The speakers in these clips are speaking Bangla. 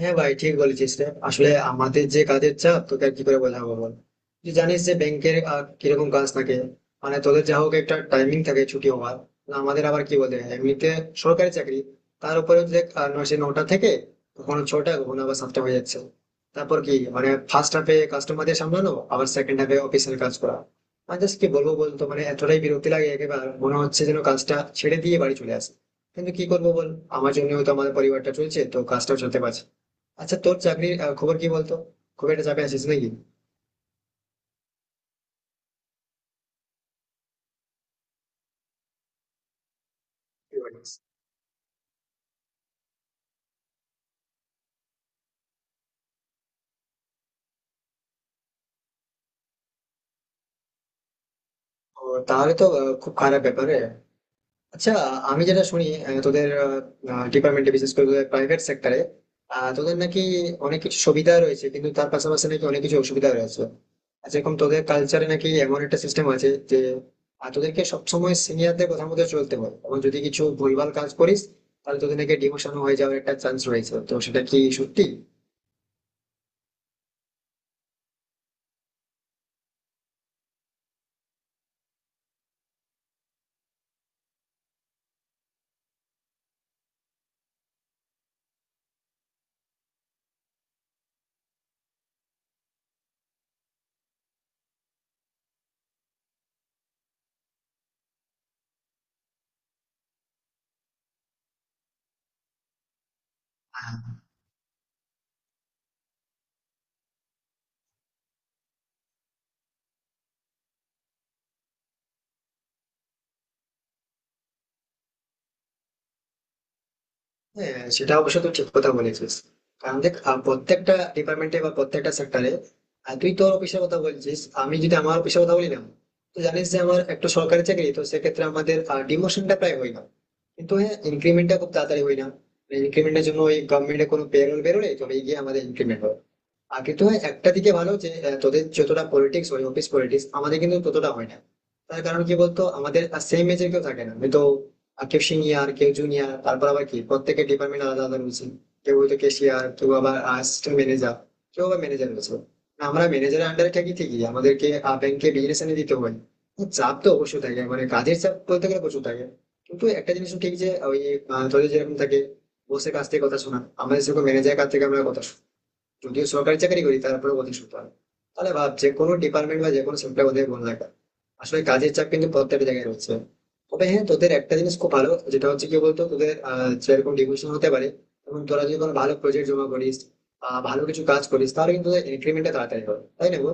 হ্যাঁ ভাই, ঠিক বলেছিস রে। আসলে আমাদের যে কাজের চাপ তোকে আর কি করে বোঝাবো বল। তুই জানিস যে ব্যাংকের কিরকম কাজ থাকে। মানে তোদের যা হোক একটা টাইমিং থাকে ছুটি হওয়ার, না আমাদের আবার কি বলে এমনিতে সরকারি চাকরি। তার উপরে দেখ, নয় সেই 9টা থেকে কখনো 6টা, কখনো আবার 7টা হয়ে যাচ্ছে। তারপর কি মানে, ফার্স্ট হাফে কাস্টমারদের সামলানো, আবার সেকেন্ড হাফে অফিসের কাজ করা। মানে জাস্ট কি বলবো বলতো, মানে এতটাই বিরক্তি লাগে, একেবারে মনে হচ্ছে যেন কাজটা ছেড়ে দিয়ে বাড়ি চলে আসে। কিন্তু কি করবো বল, আমার জন্যও তো আমার পরিবারটা চলছে, তো কাজটাও চলতে পারছে। আচ্ছা, তোর চাকরির খবর কি বলতো, খুব একটা চাপে আছিস নাকি? ও, তাহলে তো খুব খারাপ ব্যাপার রে। আচ্ছা, আমি যেটা শুনি তোদের ডিপার্টমেন্টে, বিশেষ করে তোদের প্রাইভেট সেক্টরে, তোদের নাকি অনেক কিছু সুবিধা রয়েছে, কিন্তু তার পাশাপাশি নাকি অনেক কিছু অসুবিধা রয়েছে। আর যেরকম তোদের কালচারে নাকি এমন একটা সিস্টেম আছে যে তোদেরকে সবসময় সিনিয়রদের কথা মতো চলতে হয়, এবং যদি কিছু ভুলভাল কাজ করিস, তাহলে তোদের নাকি ডিমোশন হয়ে যাওয়ার একটা চান্স রয়েছে। তো সেটা কি সত্যি? হ্যাঁ। হ্যাঁ, সেটা অবশ্য তুই ঠিক কথা বলেছিস। কারণ দেখ, প্রত্যেকটা ডিপার্টমেন্টে বা প্রত্যেকটা সেক্টরে, তুই তোর অফিসের কথা বলছিস, আমি যদি আমার অফিসের কথা বলি না, তো জানিস যে আমার একটা সরকারি চাকরি। তো সেক্ষেত্রে আমাদের ডিমোশনটা প্রায় হয় না, কিন্তু হ্যাঁ ইনক্রিমেন্টটা খুব তাড়াতাড়ি হয় না। ইনক্রিমেন্টের জন্য ওই গভর্নমেন্টের কোনো পেরোল বেরোলে তবে গিয়ে আমাদের ইনক্রিমেন্ট হয়। আর কিন্তু একটা দিকে ভালো যে তোদের যতটা পলিটিক্স, ওই অফিস পলিটিক্স, আমাদের কিন্তু ততটা হয় না। তার কারণ কি বলতো, আমাদের সেম এজের কেউ থাকে না হয়তো। কেউ সিনিয়র, কেউ জুনিয়র, তারপর আবার কি প্রত্যেকের ডিপার্টমেন্ট আলাদা আলাদা রয়েছে। কেউ হয়তো ক্যাশিয়ার, কেউ আবার অ্যাসিস্ট্যান্ট ম্যানেজার, কেউ আবার ম্যানেজার রয়েছে। না, আমরা ম্যানেজারের আন্ডারে থাকি ঠিকই, আমাদেরকে ব্যাংকে বিজনেস এনে দিতে হয়। তো চাপ তো অবশ্যই থাকে, মানে কাজের চাপ বলতে গেলে প্রচুর থাকে। কিন্তু একটা জিনিস ঠিক যে ওই তোদের যেরকম থাকে বসের কাছ থেকে কথা শোনা, আমাদের সেরকম ম্যানেজারের কাছ থেকে আমরা কথা শুনি। যদিও সরকারি চাকরি করি, তারপরে ওদের শুনতে হয়। তাহলে ভাব যে কোনো ডিপার্টমেন্ট বা যে কোনো সেক্টর ওদের বন্ধ রাখা। আসলে কাজের চাপ কিন্তু প্রত্যেকটা জায়গায় রয়েছে। তবে হ্যাঁ তোদের একটা জিনিস খুব ভালো, যেটা হচ্ছে কি বলতো, তোদের যেরকম ডিভিশন হতে পারে, এবং তোরা যদি কোনো ভালো প্রজেক্ট জমা করিস, ভালো কিছু কাজ করিস, তাহলে কিন্তু ইনক্রিমেন্টটা তাড়াতাড়ি হবে, তাই না গো?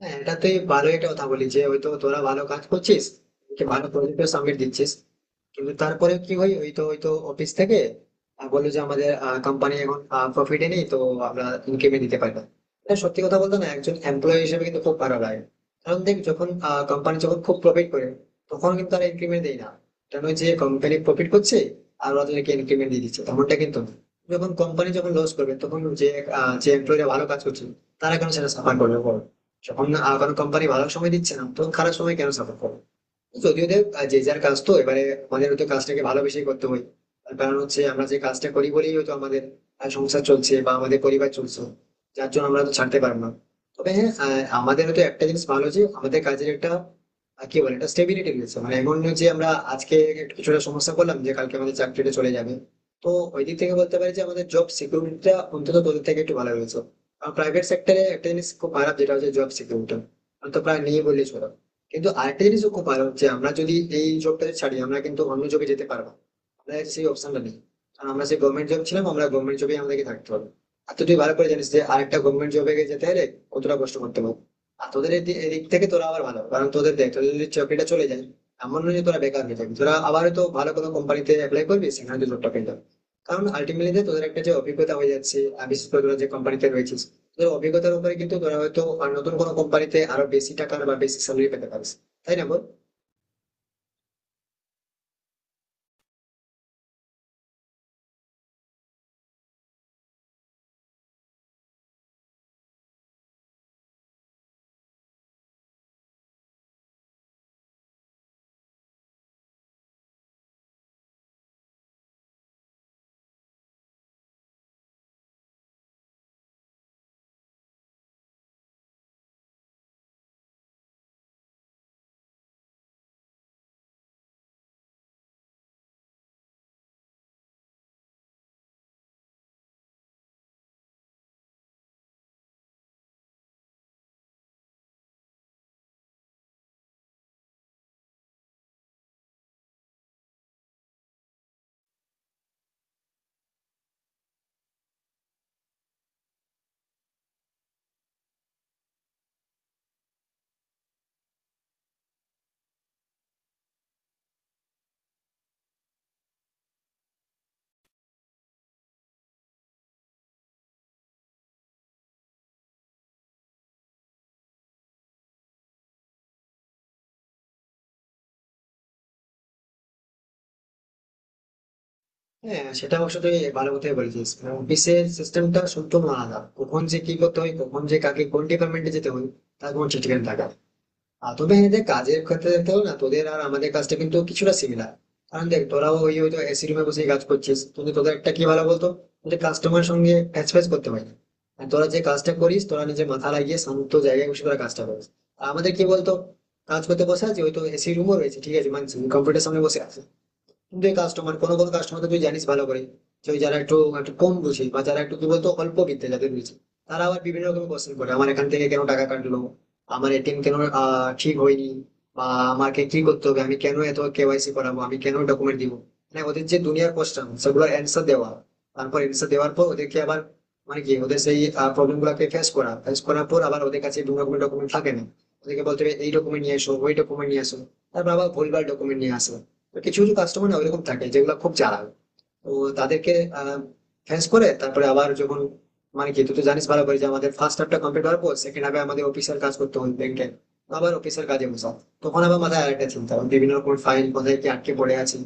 হ্যাঁ, এটা তুই ভালো একটা কথা বলি যে হয়তো তোরা ভালো কাজ করছিস, কি ভালো প্রজেক্ট সাবমিট দিচ্ছিস, কিন্তু তারপরে কি হয়, ওই তো ওই তো অফিস থেকে বললো যে আমাদের কোম্পানি এখন প্রফিটে নেই, তো আমরা ইনকামে দিতে পারি না। এটা সত্যি কথা বলতে না, একজন এমপ্লয়ি হিসেবে কিন্তু খুব খারাপ লাগে। কারণ দেখ, যখন কোম্পানি যখন খুব প্রফিট করে, তখন কিন্তু তারা ইনক্রিমেন্ট দেয় না। এটা নয় যে কোম্পানি প্রফিট করছে আর ওরা তাদেরকে ইনক্রিমেন্ট দিয়ে দিচ্ছে, তেমনটা কিন্তু না। যখন কোম্পানি যখন লস করবে, তখন যে যে এমপ্লয়িরা ভালো কাজ করছে, তারা কেন সেটা সাফার করবে বল? যখন কোনো কোম্পানি ভালো সময় দিচ্ছে না, তখন খারাপ সময় কেন সাপোর্ট করবে? যদিও দেব যে যার কাজ, তো এবারে আমাদের তো কাজটাকে ভালোবেসেই করতে হয়। তার কারণ হচ্ছে আমরা যে কাজটা করি বলেই হয়তো আমাদের সংসার চলছে বা আমাদের পরিবার চলছে। যার জন্য আমরা তো ছাড়তে পারবো না। তবে হ্যাঁ, আমাদের হয়তো একটা জিনিস ভালো, যে আমাদের কাজের একটা কি বলে, একটা স্টেবিলিটি রয়েছে। মানে এমন নয় যে আমরা আজকে একটু কিছুটা সমস্যা করলাম যে কালকে আমাদের চাকরিটা চলে যাবে। তো ওই দিক থেকে বলতে পারি যে আমাদের জব সিকিউরিটিটা অন্তত তোদের থেকে একটু ভালো রয়েছে। আর প্রাইভেট সেক্টরে একটা জিনিস খুব খারাপ, যেটা হচ্ছে জব সিকিউরিটি তো প্রায় নেই বললেই চলে। কিন্তু আরেকটা জিনিসও খুব ভালো হচ্ছে, আমরা যদি এই জবটা ছাড়ি, আমরা কিন্তু অন্য জবে যেতে পারবো, আমাদের সেই অপশনটা নেই। কারণ আমরা সেই গভর্নমেন্ট জব ছিলাম, আমরা গভর্নমেন্ট জবে আমাদেরকে থাকতে হবে। আর তো তুই ভালো করে জানিস যে আরেকটা গভর্নমেন্ট জবে যেতে হলে কতটা কষ্ট করতে হবে। আর তোদের এই দিক থেকে তোরা আবার ভালো, কারণ তোদের দেখ, তোদের যদি চাকরিটা চলে যায়, এমন নয় যে তোরা বেকার হয়ে যাবি। তোরা আবার হয়তো ভালো কোনো কোম্পানিতে অ্যাপ্লাই করবি, সেখানে তুই জবটা পেয়ে যাবি। কারণ আলটিমেটলি তোদের একটা যে অভিজ্ঞতা হয়ে যাচ্ছে, আর বিশেষ করে তোরা যে কোম্পানিতে রয়েছিস, তোদের অভিজ্ঞতার উপরে কিন্তু তোরা হয়তো আর নতুন কোনো কোম্পানিতে আরো বেশি টাকার বা বেশি স্যালারি পেতে পারিস। তাই না বল? হ্যাঁ, সেটা অবশ্য তুই ভালো কথাই বলেছিস। মানে অফিসের সিস্টেমটা সম্পূর্ণ আলাদা, কখন যে কি করতে হয়, কখন যে কাকে কোন ডিপার্টমেন্টে যেতে হয়, তার কোনো ঠিক ঠিকানা থাকে না। আর তবে এদের কাজের ক্ষেত্রে দেখতে হলে না, তোদের আর আমাদের কাজটা কিন্তু কিছুটা সিমিলার। কারণ দেখ, তোরাও ওই হয়তো এসি রুমে বসে কাজ করছিস, কিন্তু তোদের একটা কি ভালো বলতো, তোদের কাস্টমারের সঙ্গে ফেস ফেস করতে হয় না। আর তোরা যে কাজটা করিস, তোরা নিজে মাথা লাগিয়ে শান্ত জায়গায় বসে তোরা কাজটা করিস। আর আমাদের কি বলতো, কাজ করতে বসে আছি, হয়তো এসি রুমও রয়েছে, ঠিক আছে মানছি, কম্পিউটার সামনে বসে আছি, যে কাস্টমার, কোনো কোনো কাস্টমার তুই জানিস ভালো করে, যে ওই যারা একটু একটু কম বুঝে, বা যারা একটু কি বলতো অল্প বিদ্যে যাদের বুঝে, তারা আবার বিভিন্ন রকম কোশ্চেন করে, আমার এখান থেকে কেন টাকা কাটলো, আমার এটিএম কেন ঠিক হয়নি, বা আমাকে কি করতে হবে, আমি কেন এত কেওয়াইসি করাবো, আমি কেন ডকুমেন্ট দিব। মানে ওদের যে দুনিয়ার কোশ্চেন, সেগুলোর অ্যান্সার দেওয়া। তারপর অ্যান্সার দেওয়ার পর ওদেরকে আবার মানে কি ওদের সেই প্রবলেম গুলাকে ফেস করা। ফেস করার পর আবার ওদের কাছে বিভিন্ন রকমের ডকুমেন্ট থাকে না, ওদেরকে বলতে হবে এই ডকুমেন্ট নিয়ে এসো, ওই ডকুমেন্ট নিয়ে এসো। তারপর আবার ভুলভাল ডকুমেন্ট নিয়ে আসো। তো কিছু কিছু কাস্টমার না ওইরকম থাকে, যেগুলো খুব চালাক, তো তাদেরকে ফেন্স করে তারপরে আবার যখন, মানে কি তুই তো জানিস ভালো করে যে আমাদের ফার্স্ট হাফটা কমপ্লিট হওয়ার পর সেকেন্ড হাফে আমাদের অফিসের কাজ করতে হয় ব্যাংকে। আবার অফিসের কাজে বসা, তখন আবার মাথায় আরেকটা চিন্তা, বিভিন্ন রকম ফাইল কোথায় কি আটকে পড়ে আছে।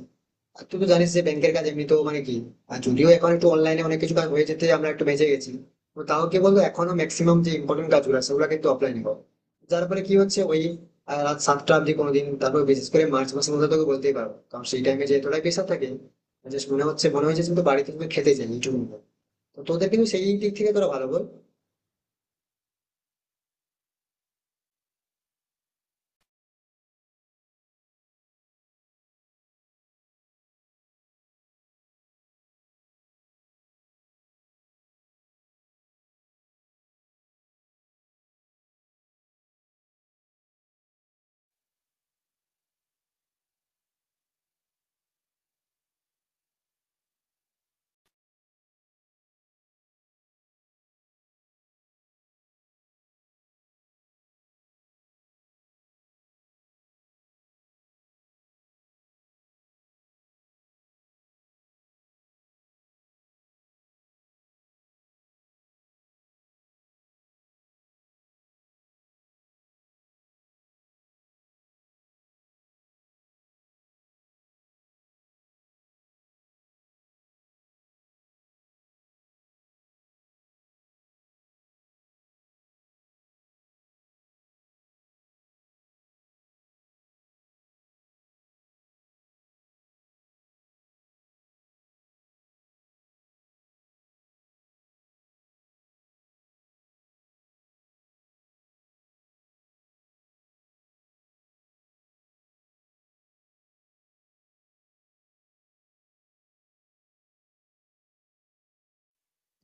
আর তুই তো জানিস যে ব্যাংকের কাজ এমনিতেও মানে কি, আর যদিও এখন একটু অনলাইনে অনেক কিছু কাজ হয়ে যেতে আমরা একটু বেঁচে গেছি। তো তাও কি বলতো, এখনো ম্যাক্সিমাম যে ইম্পর্টেন্ট কাজগুলো আছে, সেগুলো কিন্তু অফলাইনে হয়। যার ফলে কি হচ্ছে, ওই রাত 7টা অবধি কোনোদিন, তারপর বিশেষ করে মার্চ মাসের মধ্যে তোকে বলতেই পারবো, কারণ সেই টাইমে যে এতটাই পেশা থাকে, জাস্ট মনে হচ্ছে, মনে হয়েছে তুমি বাড়িতে, তুমি খেতে চাই এইটুকু। তো তোদের কিন্তু সেই দিক থেকে তোরা ভালো বল।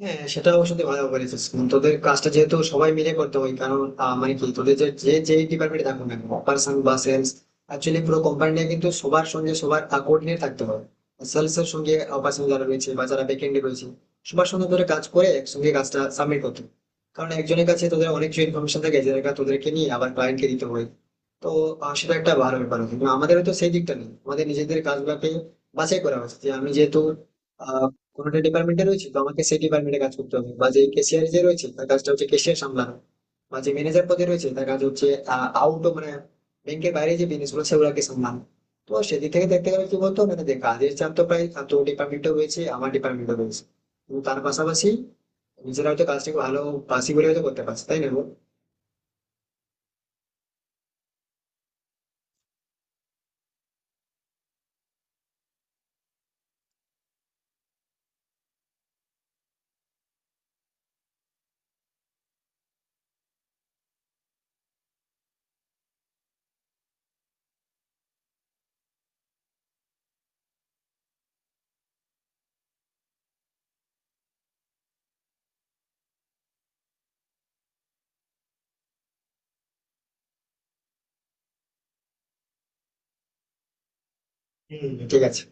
হ্যাঁ, সেটা অবশ্য তুই ভালো বলেছিস। তোদের কাজটা যেহেতু সবাই মিলে করতে হয়, কারণ মানে কি তোদের যে যে যে ডিপার্টমেন্টে থাকুক না, অপারেশন বা সেলস, অ্যাকচুয়ালি পুরো কোম্পানিটা কিন্তু সবার সঙ্গে সবার কোঅর্ডিনেট থাকতে হবে। সেলস এর সঙ্গে অপারেশন যারা রয়েছে বা যারা ব্যাকএন্ডে রয়েছে, সবার সঙ্গে তোদের কাজ করে একসঙ্গে কাজটা সাবমিট করতে হবে। কারণ একজনের কাছে তোদের অনেক কিছু ইনফরমেশন থাকে, যেটা তোদেরকে নিয়ে আবার ক্লায়েন্টকে দিতে হয়। তো সেটা একটা ভালো ব্যাপার, কিন্তু আমাদের তো সেই দিকটা নেই। আমাদের নিজেদের কাজগুলোকে বাছাই করা হয়েছে, যে আমি যেহেতু কোনোটা ডিপার্টমেন্টে রয়েছে, তো আমাকে সেই ডিপার্টমেন্টে কাজ করতে হবে। বা যে ক্যাশিয়ার যে রয়েছে, তার কাজটা হচ্ছে ক্যাশিয়ার সামলানো। বা যে ম্যানেজার পদে রয়েছে, তার কাজ হচ্ছে আউট মানে ব্যাংকের বাইরে যে বিজনেস গুলো, সেগুলোকে সামলানো। তো সেদিক থেকে দেখতে গেলে কি বলতো, মানে দেখ কাজের চাপ তো প্রায়, তো ডিপার্টমেন্টও রয়েছে, আমার ডিপার্টমেন্টও রয়েছে। তো তার পাশাপাশি নিজেরা হয়তো কাজটাকে ভালো বাসি বলে হয়তো করতে পারছে, তাই না বল? হুম, ঠিক আছে।